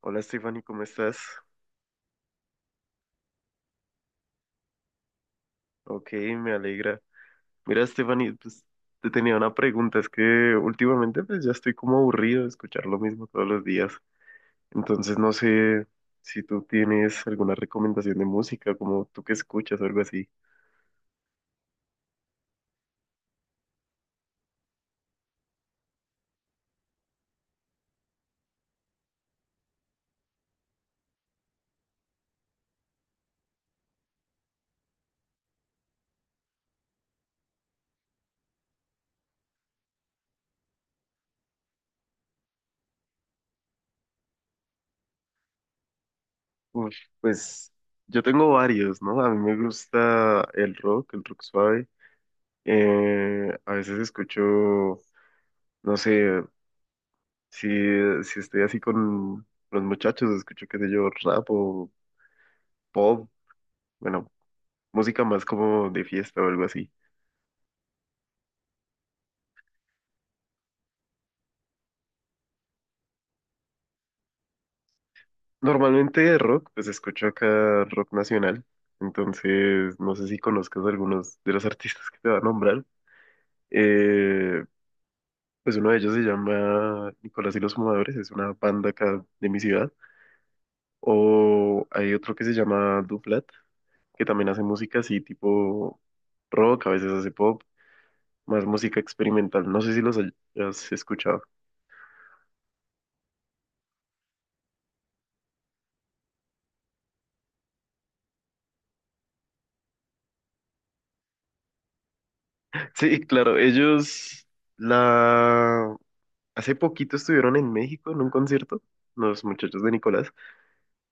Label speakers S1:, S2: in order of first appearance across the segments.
S1: Hola, Stephanie, ¿cómo estás? Ok, me alegra. Mira, Stephanie, pues te tenía una pregunta, es que últimamente pues ya estoy como aburrido de escuchar lo mismo todos los días, entonces no sé si tú tienes alguna recomendación de música, como tú que escuchas o algo así. Uf, pues yo tengo varios, ¿no? A mí me gusta el rock suave, a veces escucho, no sé, si, si estoy así con los muchachos, escucho qué sé yo, rap o... pop. Bueno, música más como de fiesta o algo así. Normalmente de rock, pues escucho acá rock nacional. Entonces, no sé si conozcas algunos de los artistas que te va a nombrar. Eh, pues uno de ellos se llama Nicolás y los Fumadores, es una banda acá de mi ciudad. O hay otro que se llama Duplat, que también hace música así tipo rock, a veces hace pop, más música experimental. No sé si los hayas escuchado. Sí, claro, ellos la hace poquito estuvieron en México en un concierto, los muchachos de Nicolás.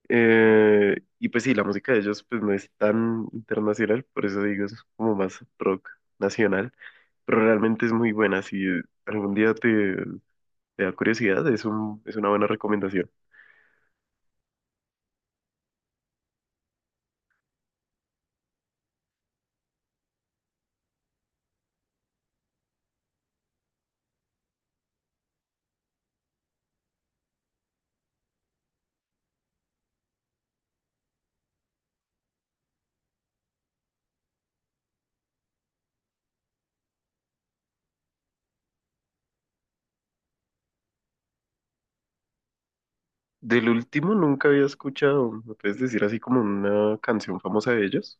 S1: Y pues sí, la música de ellos pues no es tan internacional, por eso digo, es como más rock nacional, pero realmente es muy buena. Si algún día te da curiosidad, es una buena recomendación. Del último nunca había escuchado, ¿me puedes decir así como una canción famosa de ellos?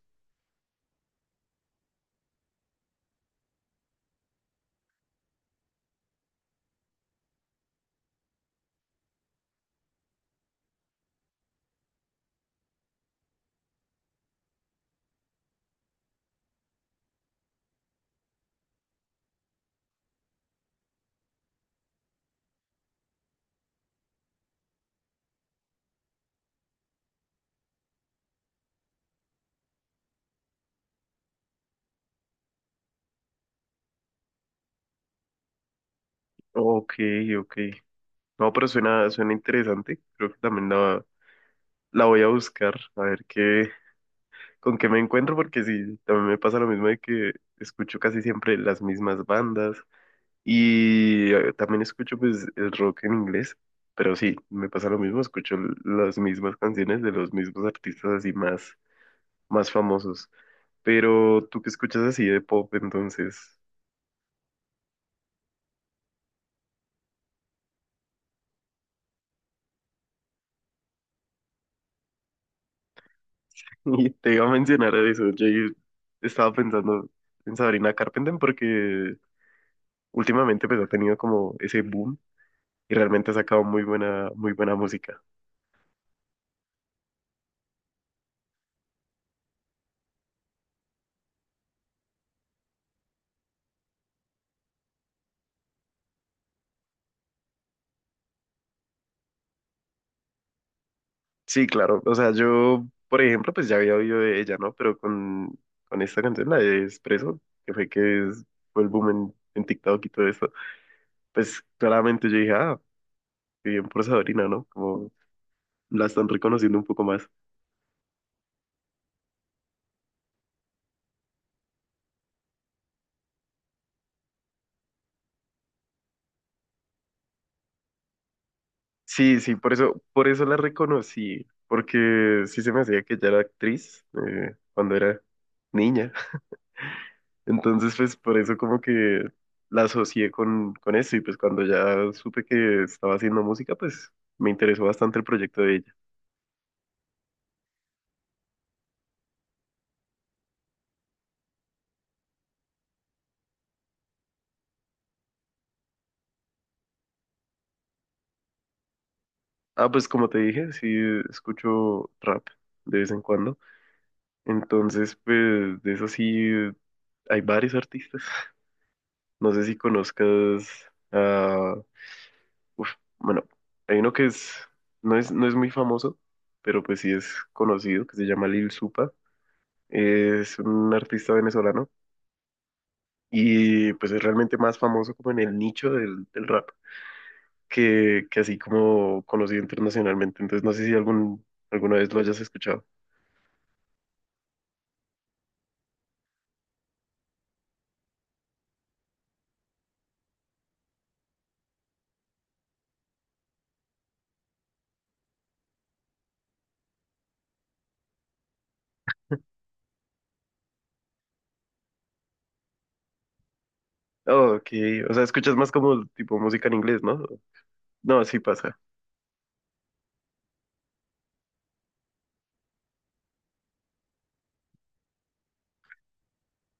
S1: Ok, ok. No, pero suena interesante. Creo que también la voy a buscar, a ver con qué me encuentro, porque sí, también me pasa lo mismo de que escucho casi siempre las mismas bandas y también escucho pues el rock en inglés, pero sí, me pasa lo mismo, las mismas canciones de los mismos artistas así más famosos. Pero tú que escuchas así de pop, entonces, y te iba a mencionar eso, yo estaba pensando en Sabrina Carpenter porque últimamente pues ha tenido como ese boom y realmente ha sacado muy muy buena música. Sí, claro. O sea, yo, por ejemplo, pues ya había oído de ella, ¿no? Pero con esta canción, la de Espresso, que fue que es- fue el boom en TikTok y todo eso, pues claramente yo dije, ah, qué bien por Sabrina, ¿no? Como la están reconociendo un poco más. Sí, sí, por eso la reconocí, porque sí se me hacía que ella era actriz cuando era niña. Entonces, pues por eso como que la asocié con eso y pues cuando ya supe que estaba haciendo música, pues me interesó bastante el proyecto de ella. Ah, pues como te dije, sí escucho rap de vez en cuando. Entonces, pues de eso sí hay varios artistas. No sé si conozcas a... uf, bueno, hay uno que es no es muy famoso, pero pues sí es conocido, que se llama Lil Supa. Es un artista venezolano y pues es realmente más famoso como en el nicho del rap que así como conocido internacionalmente. Entonces no sé si alguna vez lo hayas escuchado. Oh, ok, o sea, escuchas más como tipo música en inglés, ¿no? No, sí pasa.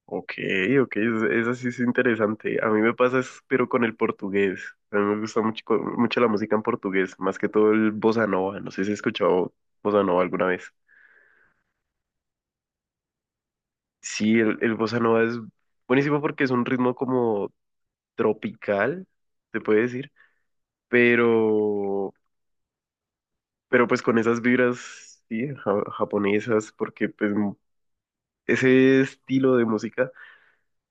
S1: Ok, ok, esa sí es interesante. A mí me pasa, es, pero con el portugués. A mí me gusta mucho la música en portugués, más que todo el bossa nova. No sé si has escuchado bossa nova alguna vez. Sí, el bossa nova es buenísimo porque es un ritmo como tropical, se puede decir, pero, pero pues con esas vibras, sí, japonesas, porque ese estilo de música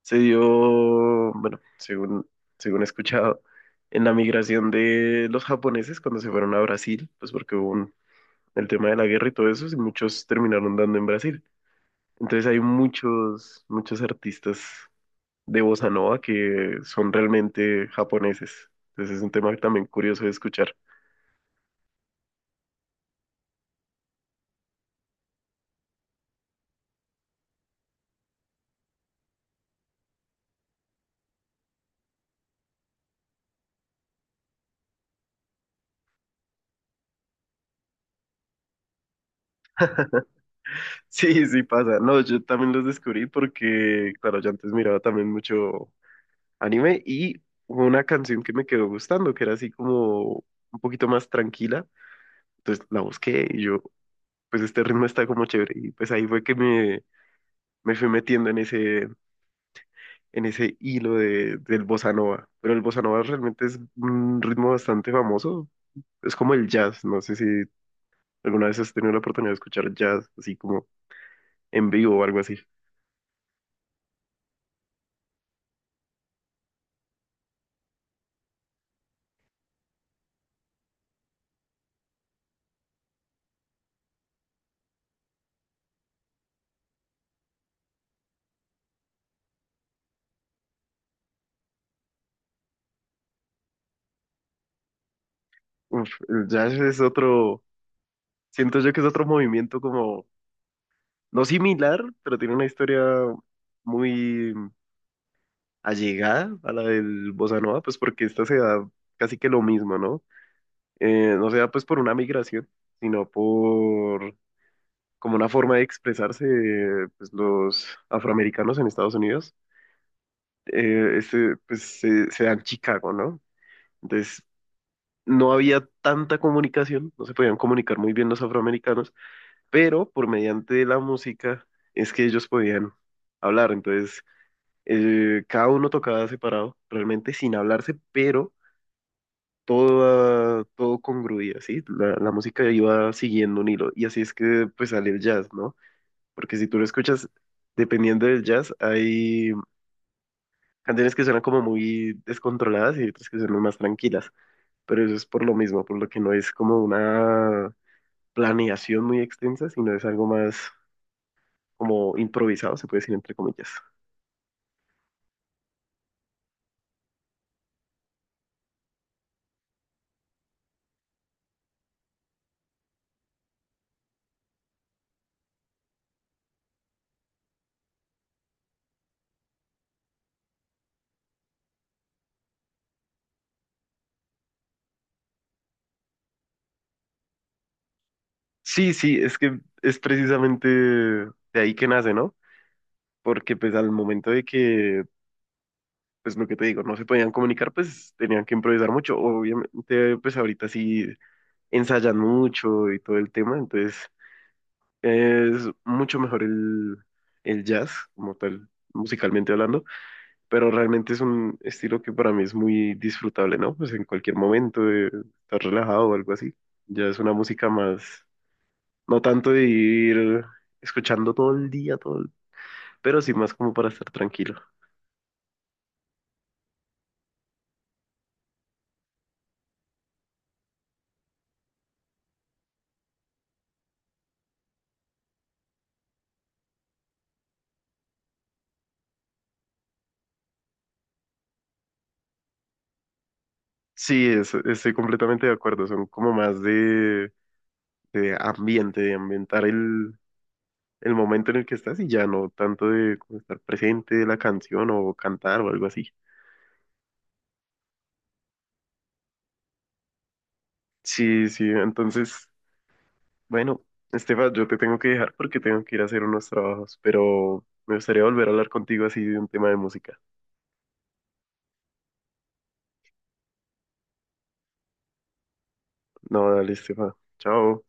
S1: se dio, bueno, según he escuchado, en la migración de los japoneses cuando se fueron a Brasil, pues porque el tema de la guerra y todo eso, y muchos terminaron dando en Brasil. Entonces hay muchos artistas de bossa nova que son realmente japoneses. Entonces es un tema también curioso de escuchar. Sí, sí pasa. No, yo también los descubrí porque, claro, yo antes miraba también mucho anime y hubo una canción que me quedó gustando, que era así como un poquito más tranquila. Entonces la busqué y yo, pues este ritmo está como chévere. Y pues ahí fue que me fui metiendo en en ese hilo del bossa nova. Pero el bossa nova realmente es un ritmo bastante famoso. Es como el jazz. No sé si alguna vez has tenido la oportunidad de escuchar jazz así como en vivo o algo así. Uf, el jazz es otro. Siento yo que es otro movimiento como, no similar, pero tiene una historia muy allegada a la del bossa nova, pues porque esta se da casi que lo mismo, ¿no? No se da pues por una migración, sino por como una forma de expresarse pues, los afroamericanos en Estados Unidos. Pues se da en Chicago, ¿no? Entonces no había tanta comunicación, no se podían comunicar muy bien los afroamericanos, pero por mediante la música es que ellos podían hablar. Entonces, cada uno tocaba separado, realmente sin hablarse, pero todo, todo congruía, ¿sí? La música iba siguiendo un hilo y así es que pues sale el jazz, ¿no? Porque si tú lo escuchas, dependiendo del jazz, hay canciones que suenan como muy descontroladas y otras que suenan más tranquilas. Pero eso es por lo mismo, por lo que no es como una planeación muy extensa, sino es algo más como improvisado, se puede decir entre comillas. Sí, sí, es que es precisamente de ahí que nace, ¿no? Porque pues al momento de que, pues lo que te digo, no se podían comunicar, pues tenían que improvisar mucho. Obviamente, pues ahorita sí ensayan mucho y todo el tema, entonces es mucho mejor el jazz como tal, musicalmente hablando, pero realmente es un estilo que para mí es muy disfrutable, ¿no? Pues en cualquier momento, estar relajado o algo así, ya es una música más. No tanto de ir escuchando todo el día, pero sí más como para estar tranquilo. Sí, estoy completamente de acuerdo. Son como más de ambiente, de ambientar el momento en el que estás y ya no tanto de como estar presente de la canción o cantar o algo así. Sí, sí, entonces, bueno, Estefa, yo te tengo que dejar porque tengo que ir a hacer unos trabajos, pero me gustaría volver a hablar contigo así de un tema de música. No, dale, Estefa. Chao.